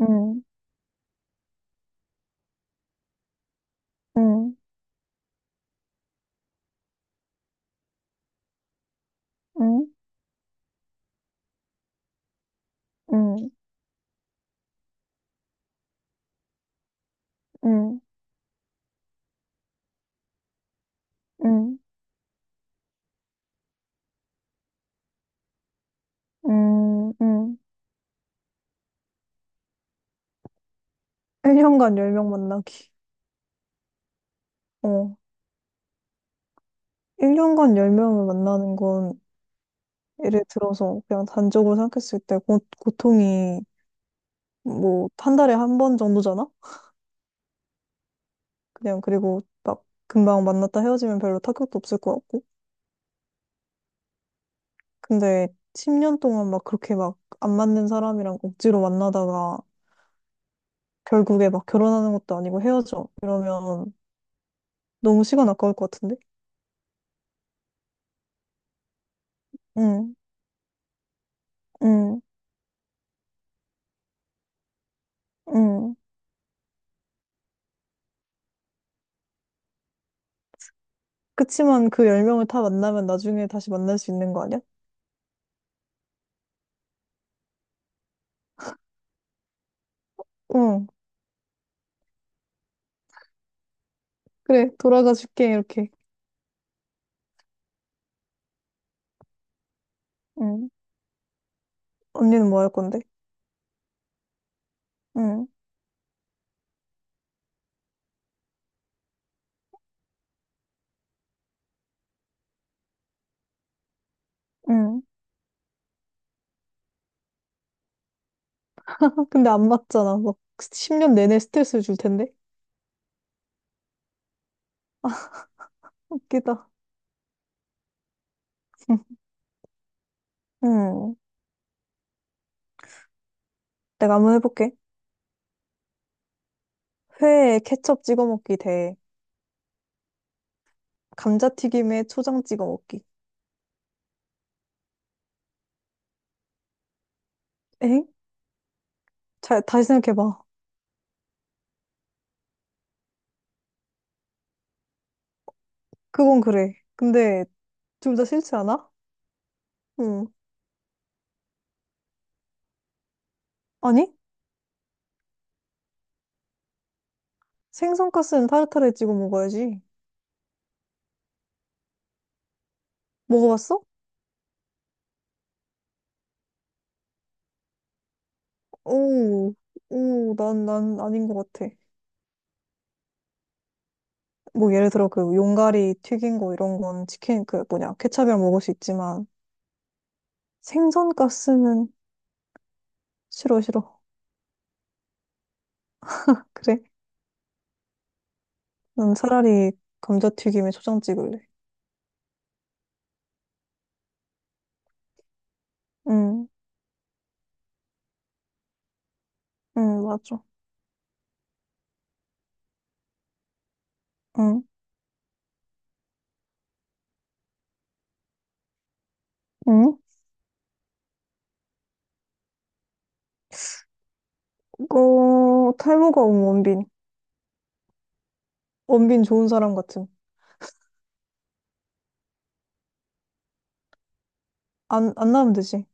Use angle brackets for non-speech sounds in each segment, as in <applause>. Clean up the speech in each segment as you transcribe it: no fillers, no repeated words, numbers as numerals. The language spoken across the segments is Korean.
응, 응, 응, 응, 응, 응, 응, 응. 1년간 10명 만나기. 어. 1년간 10명을 만나는 건 예를 들어서 그냥 단적으로 생각했을 때 고통이 뭐 한 달에 한 번 정도잖아? 그냥 그리고 막 금방 만났다 헤어지면 별로 타격도 없을 것 같고. 근데 10년 동안 막 그렇게 막 안 맞는 사람이랑 억지로 만나다가 결국에 막 결혼하는 것도 아니고 헤어져. 이러면 너무 시간 아까울 것 같은데? 응. 응. 응. 그치만 그 열명을다 만나면 나중에 다시 만날 수 있는 거 아니야? 응. 그래, 돌아가 줄게, 이렇게. 응. 언니는 뭐 할 건데? 응. 응. 아, 근데 안 맞잖아. 막 10년 내내 스트레스 줄 텐데? 웃기다. 응. 응. 내가 한번 해볼게. 회에 케첩 찍어 먹기 대 감자튀김에 초장 찍어 먹기. 엥? 잘, 다시 생각해봐. 그건 그래. 근데 둘 다 싫지 않아? 응. 아니? 생선가스는 타르타르에 찍어 먹어야지. 먹어봤어? 오, 오, 난 아닌 것 같아. 뭐 예를 들어 그 용가리 튀긴 거 이런 건 치킨 그 뭐냐 케찹이랑 먹을 수 있지만 생선 가스는 싫어 싫어. 그래? 난 차라리 감자튀김에 초장 찍을래. 응, 응, 맞아. 응, 응? 어, 탈모가 온 원빈. 원빈 좋은 사람 같은 안 나으면 되지.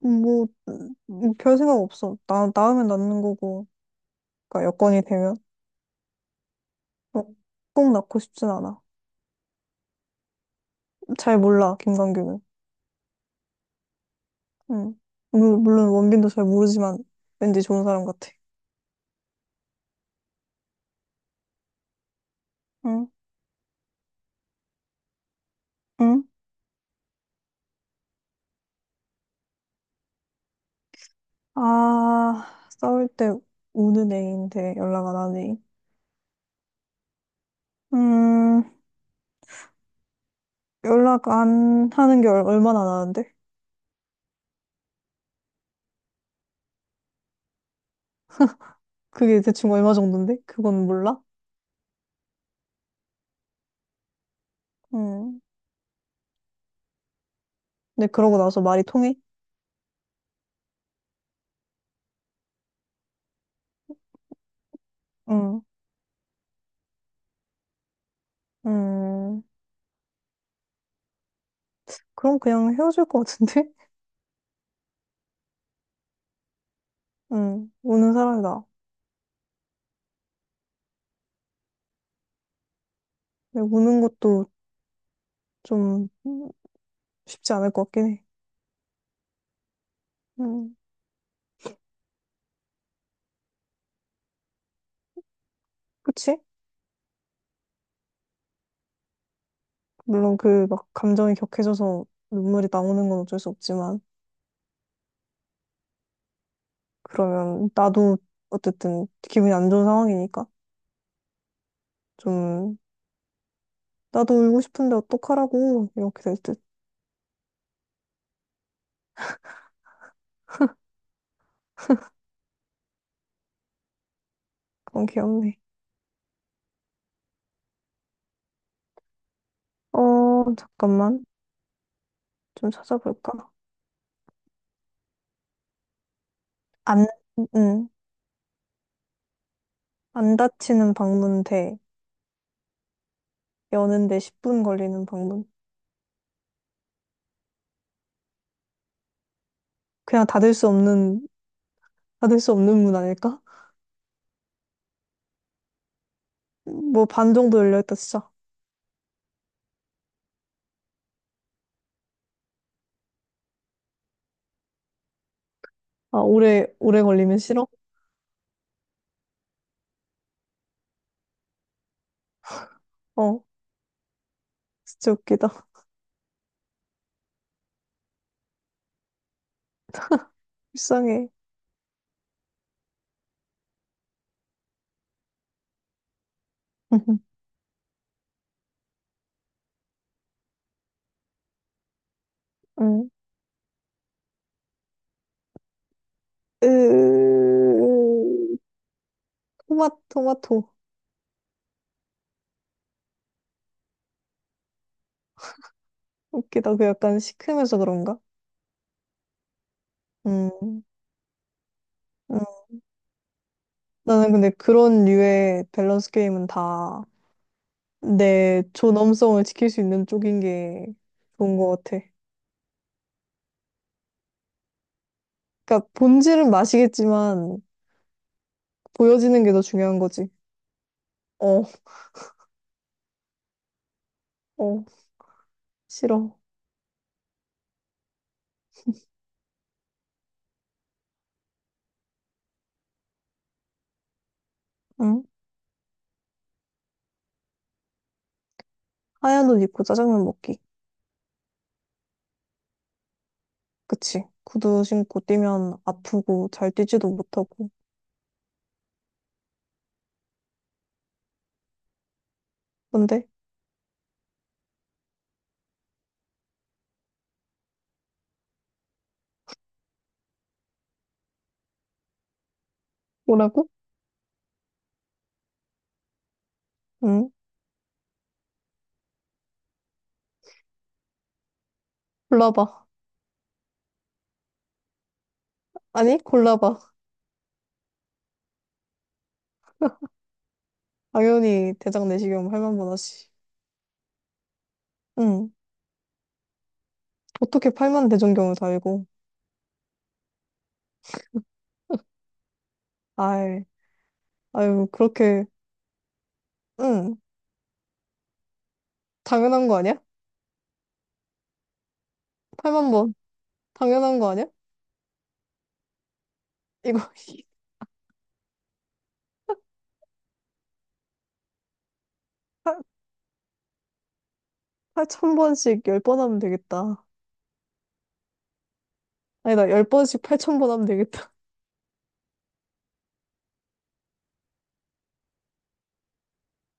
뭐, 별 생각 없어. 낳으면 낳는 거고. 그러니까 여건이 되면. 어, 꼭 낳고 싶진 않아. 잘 몰라, 김광규는. 응. 물론 원빈도 잘 모르지만 왠지 좋은 사람 같아. 응? 응? 아, 싸울 때 우는 애인데 연락 안 하니. 음, 연락 안 하는 게 얼마나 나는데 그게 대충 얼마 정도인데? 그건 몰라? 응. 근데 그러고 나서 말이 통해? 응. 음, 그럼 그냥 헤어질 것 같은데? <laughs> 응. 우는 사람이다. 근데 우는 것도 좀 쉽지 않을 것 같긴 해. 응. 그치? 물론 그 막 감정이 격해져서 눈물이 나오는 건 어쩔 수 없지만, 그러면 나도 어쨌든 기분이 안 좋은 상황이니까 좀 나도 울고 싶은데 어떡하라고 이렇게 될 듯. 그건 귀엽네. 어, 잠깐만. 좀 찾아볼까? 안, 응. 안 다치는 방문 대 여는데 10분 걸리는 방문. 그냥 닫을 수 없는 문 아닐까? 뭐 반 정도 열려있다, 진짜. 아, 오래 걸리면 싫어? 어, 진짜 웃기다. <laughs> 불쌍해. <laughs> 응. 으, 토마토. 웃기다. 그 약간 시큼해서 그런가? 음, 음. 나는 근데 그런 류의 밸런스 게임은 다 내 존엄성을 지킬 수 있는 쪽인 게 좋은 것 같아. 그러니까 본질은 맛이겠지만 보여지는 게 더 중요한 거지. 어, 어, 싫어. 응? 하얀 옷 입고 짜장면 먹기. 그치. 구두 신고 뛰면 아프고 잘 뛰지도 못하고. 근데? 뭐라고? 응? 골라봐. 아니, 골라봐. 당연히 대장 내시경 8만 번 하지. 응. 어떻게 8만 대장경을 달고. 아이, 아유, 그렇게, 응. 당연한 거 아니야? 8만 번. 당연한 거 아니야? 이거 <laughs> 8천 번씩 10번 하면 되겠다. 아니다, 10번씩 8천 번 하면 되겠다. <laughs>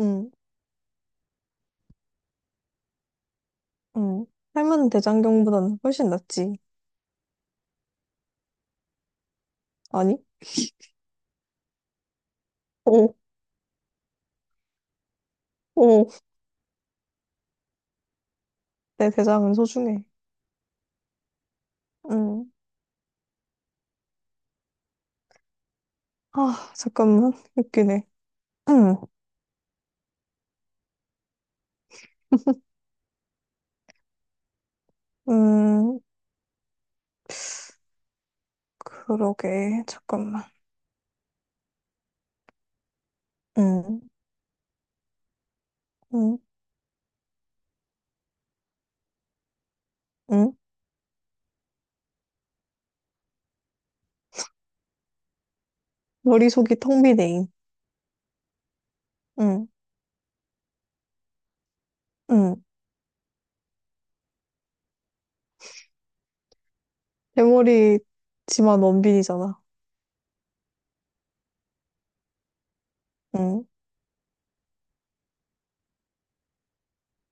응, 응. 8만 대장경보다는 훨씬 낫지. 아니? 오, 오. 내 대장은 소중해. 응. 아, 잠깐만. 웃기네. 응. <laughs> 음, 그러게. 잠깐만. 응, 응, 응. 머리속이 텅 비네. 응, 응. 내 머리지만 원빈이잖아. 응,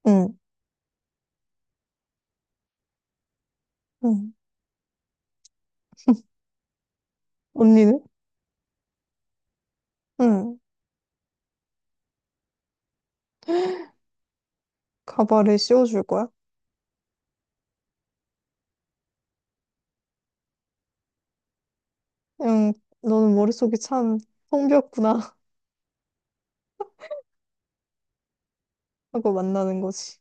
응, 응. 언니는? 응. 가발을 씌워줄 거야? 응, 너는 머릿속이 참텅비었구나 <laughs> 하고 만나는 거지.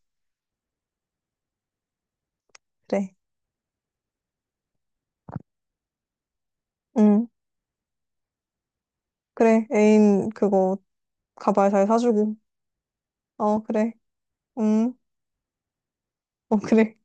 그래. 응, 그래. 애인 그거 가발 잘 사주고. 어, 그래. 응, 어, 그래.